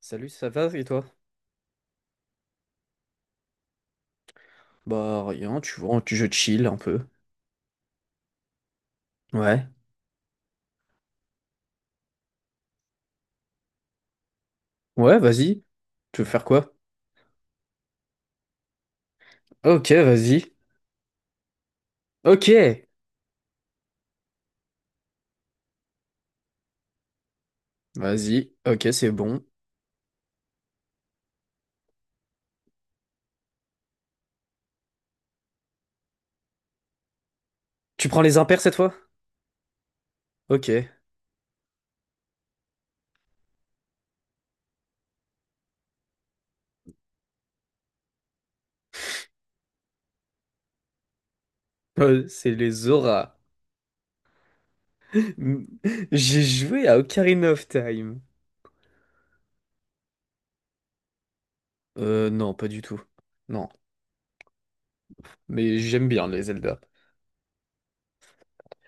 Salut, ça va et toi? Bah rien, tu vois, je chill un peu. Ouais. Ouais, vas-y. Tu veux faire quoi? Ok, vas-y. Ok. Vas-y. Ok, c'est bon. Tu prends les impairs cette fois? Ok. C'est les auras. J'ai joué à Ocarina of Time. Non, pas du tout. Non. Mais j'aime bien les Zelda.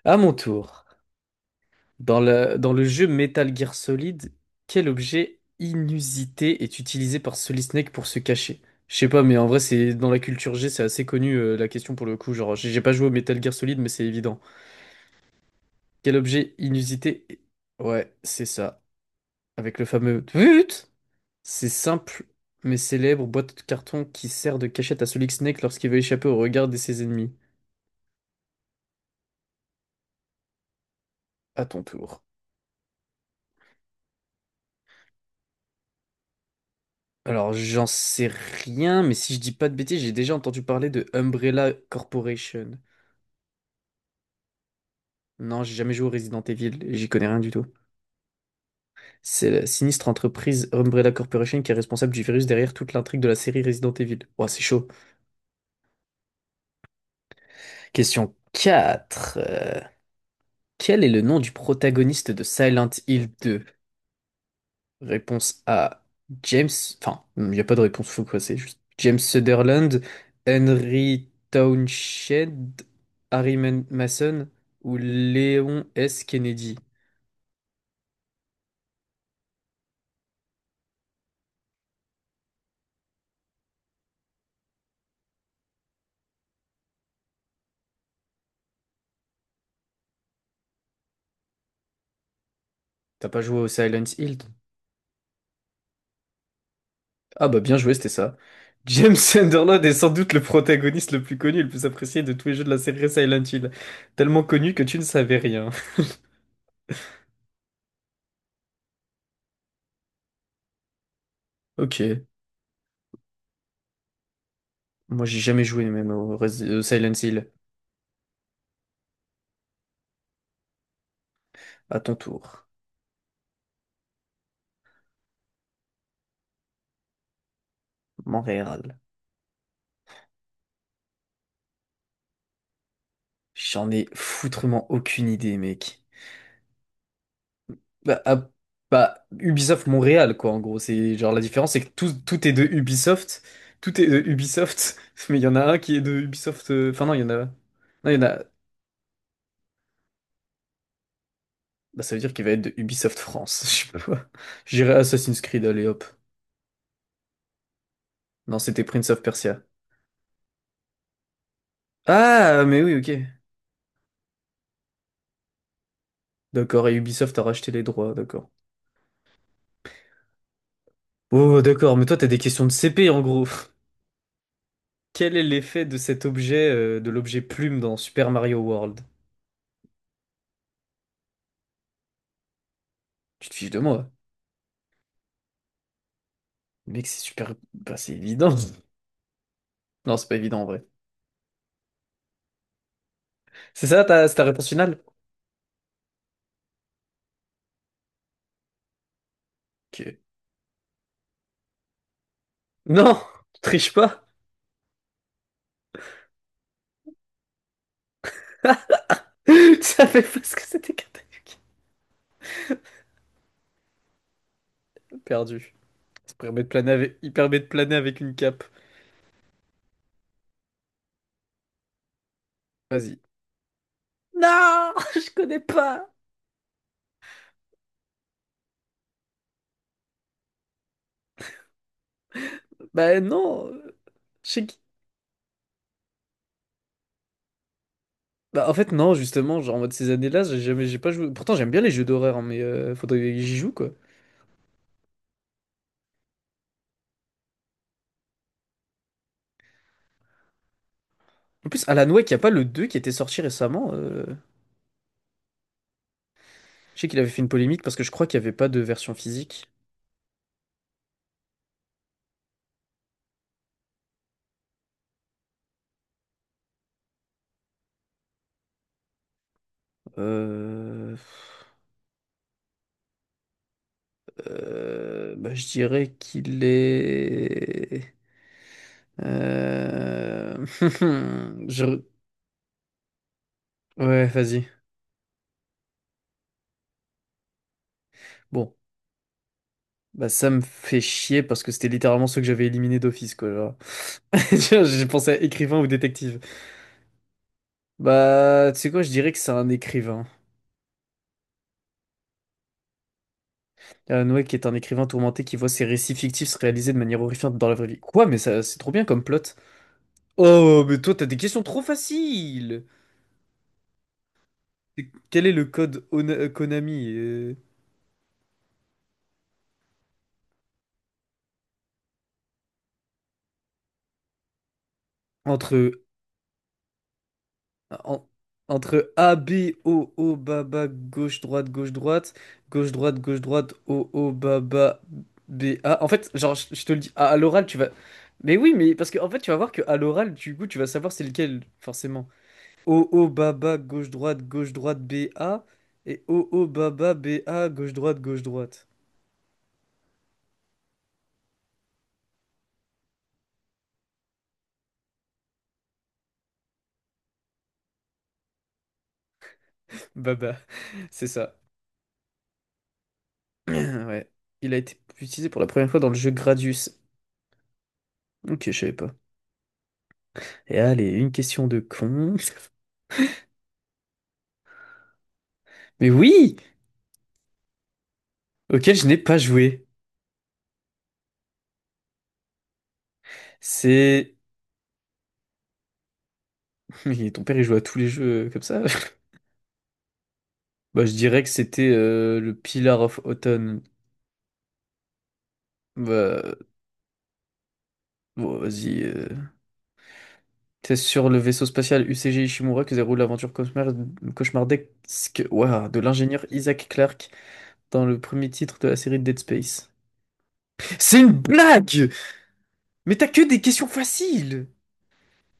À mon tour. Dans le jeu Metal Gear Solid, quel objet inusité est utilisé par Solid Snake pour se cacher? Je sais pas, mais en vrai, c'est dans la culture G, c'est assez connu la question pour le coup. Genre, j'ai pas joué au Metal Gear Solid, mais c'est évident. Quel objet inusité? Ouais, c'est ça. Avec le fameux Tut, c'est simple, mais célèbre boîte de carton qui sert de cachette à Solid Snake lorsqu'il veut échapper au regard de ses ennemis. À ton tour. Alors, j'en sais rien, mais si je dis pas de bêtises, j'ai déjà entendu parler de Umbrella Corporation. Non, j'ai jamais joué au Resident Evil, et j'y connais rien du tout. C'est la sinistre entreprise Umbrella Corporation qui est responsable du virus derrière toute l'intrigue de la série Resident Evil. Ouah, c'est chaud. Question 4. Quel est le nom du protagoniste de Silent Hill 2? Réponse A, James. Enfin, il n'y a pas de réponse, faut quoi, c'est juste James Sutherland, Henry Townshend, Mason ou Léon S. Kennedy. T'as pas joué au Silent Hill toi? Ah bah bien joué, c'était ça. James Sunderland est sans doute le protagoniste le plus connu et le plus apprécié de tous les jeux de la série Silent Hill. Tellement connu que tu ne savais rien. Ok, moi j'ai jamais joué même au Silent Hill. À ton tour. Montréal. J'en ai foutrement aucune idée, mec. Bah, à- bah, Ubisoft Montréal, quoi, en gros. C'est genre la différence, c'est que tout est de Ubisoft. Tout est de Ubisoft, mais il y en a un qui est de Ubisoft. Enfin, non, il y en a. Non, il y en a. Bah, ça veut dire qu'il va être de Ubisoft France. Je sais pas quoi. J'irai Assassin's Creed, allez hop. Non, c'était Prince of Persia. Ah, mais oui, ok. D'accord, et Ubisoft a racheté les droits, d'accord. Oh, d'accord, mais toi, t'as des questions de CP, en gros. Quel est l'effet de cet objet, de l'objet plume dans Super Mario World? Tu te fiches de moi. Mec, c'est super. Bah, c'est évident. Non, c'est pas évident en vrai. C'est ta réponse finale? Ok. Non! Tu triches pas! Tu savais pas ce que c'était qu'un tanuki. Perdu. Ça permet de planer avec... Il permet de planer avec une cape. Vas-y. Non! Je connais pas! Bah non! Je sais qui- Bah en fait, non, justement, genre en mode ces années-là, j'ai jamais... j'ai pas joué. Pourtant, j'aime bien les jeux d'horreur, hein, mais faudrait que j'y joue quoi. En plus, Alan Wake, y a pas le 2 qui était sorti récemment. Je sais qu'il avait fait une polémique parce que je crois qu'il y avait pas de version physique. Euh, bah, je dirais qu'il est. Euh, je- Ouais, vas-y. Bon, bah ça me fait chier parce que c'était littéralement ceux que j'avais éliminés d'office, quoi. Tiens, j'ai pensé à écrivain ou détective. Bah, tu sais quoi, je dirais que c'est un écrivain. Alan Wake est un écrivain tourmenté qui voit ses récits fictifs se réaliser de manière horrifiante dans la vraie vie. Quoi, mais ça, c'est trop bien comme plot. Oh, mais toi, t'as des questions trop faciles! Quel est le code Konami? Entre, en- entre A, B, O, O, bas, bas, gauche, droite, gauche, droite, gauche, droite, gauche, droite, O, O, bas, bas, B, A. En fait, genre, je te le dis, à l'oral, tu vas. Mais oui, mais parce que en fait, tu vas voir que à l'oral, du coup, tu vas savoir c'est lequel, forcément. O, O, bas, bas, gauche, droite, B, A. Et O, O, bas, bas, B, A, gauche, droite, gauche, droite. Baba, c'est ça. Ouais. Il a été utilisé pour la première fois dans le jeu Gradius. Ok, je savais pas. Et allez, une question de con. Mais oui! Auquel je n'ai pas joué. C'est... Mais ton père, il joue à tous les jeux comme ça? Bah, je dirais que c'était le Pillar of Autumn. Bah, bon, vas-y. C'est sur le vaisseau spatial UCG Ishimura que déroule l'aventure cauchemardesque ouah, de l'ingénieur Isaac Clarke dans le premier titre de la série Dead Space. C'est une blague! Mais t'as que des questions faciles!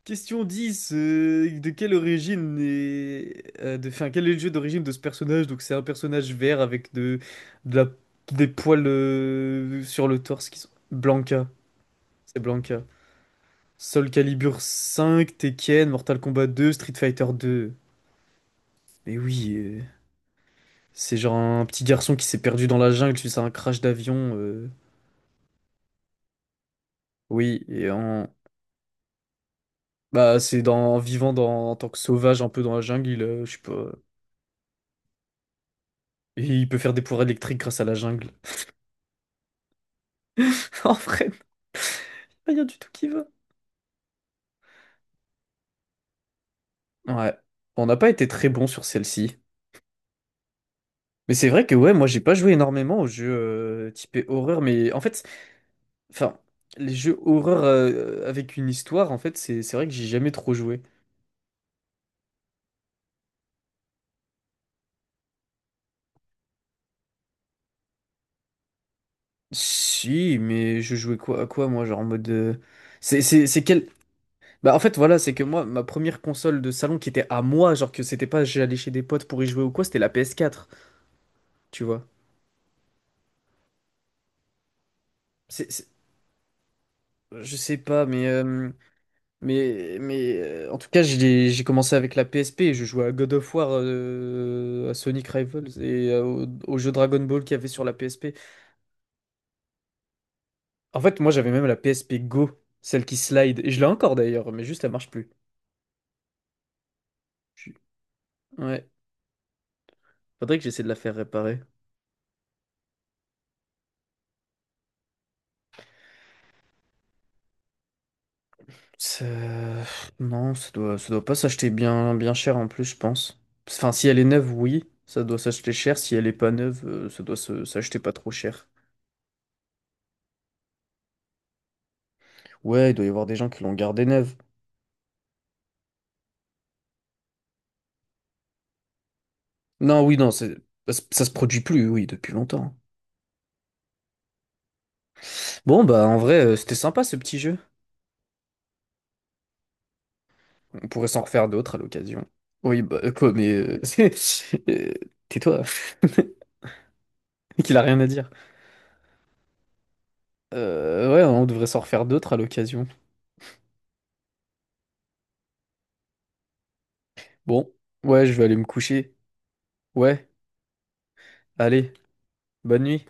Question 10. De quelle origine est, enfin, quel est le jeu d'origine de ce personnage? Donc c'est un personnage vert avec de, de la- des poils sur le torse qui sont... Blanca, c'est Blanca. Soul Calibur 5, Tekken, Mortal Kombat 2, Street Fighter 2. Mais oui, c'est genre un petit garçon qui s'est perdu dans la jungle suite à un crash d'avion. Oui, et en... Bah c'est dans, en vivant dans, en tant que sauvage un peu dans la jungle, il, je sais pas... Et il peut faire des pouvoirs électriques grâce à la jungle. En vrai, non. Y a rien du tout qui va. Ouais. Bon, on n'a pas été très bon sur celle-ci. Mais c'est vrai que ouais, moi j'ai pas joué énormément aux jeux typés horreur, mais en fait, enfin, les jeux horreur avec une histoire, en fait, c'est vrai que j'ai jamais trop joué. Si, mais je jouais quoi à quoi moi, genre en mode c'est quel Bah en fait voilà, c'est que moi ma première console de salon qui était à moi, genre que c'était pas j'allais chez des potes pour y jouer ou quoi, c'était la PS4, tu vois. C'est c'est- je sais pas mais en tout cas, j'ai commencé avec la PSP. Je jouais à God of War, à Sonic Rivals et au jeu Dragon Ball qu'il y avait sur la PSP. En fait, moi, j'avais même la PSP Go, celle qui slide. Et je l'ai encore d'ailleurs, mais juste elle marche plus. Je suis- Ouais, faudrait que j'essaie de la faire réparer. Ça- Non, ça doit pas s'acheter bien, bien cher en plus, je pense. Enfin, si elle est neuve, oui, ça doit s'acheter cher. Si elle est pas neuve, ça doit s'acheter pas trop cher. Ouais, il doit y avoir des gens qui l'ont gardée neuve. Non, oui, non, ça se produit plus, oui, depuis longtemps. Bon, bah, en vrai, c'était sympa ce petit jeu. On pourrait s'en refaire d'autres à l'occasion. Oui, bah, euh, Tais-toi. Qu'il a rien à dire. Ouais, on devrait s'en refaire d'autres à l'occasion. Bon, ouais, je vais aller me coucher. Ouais, allez, bonne nuit.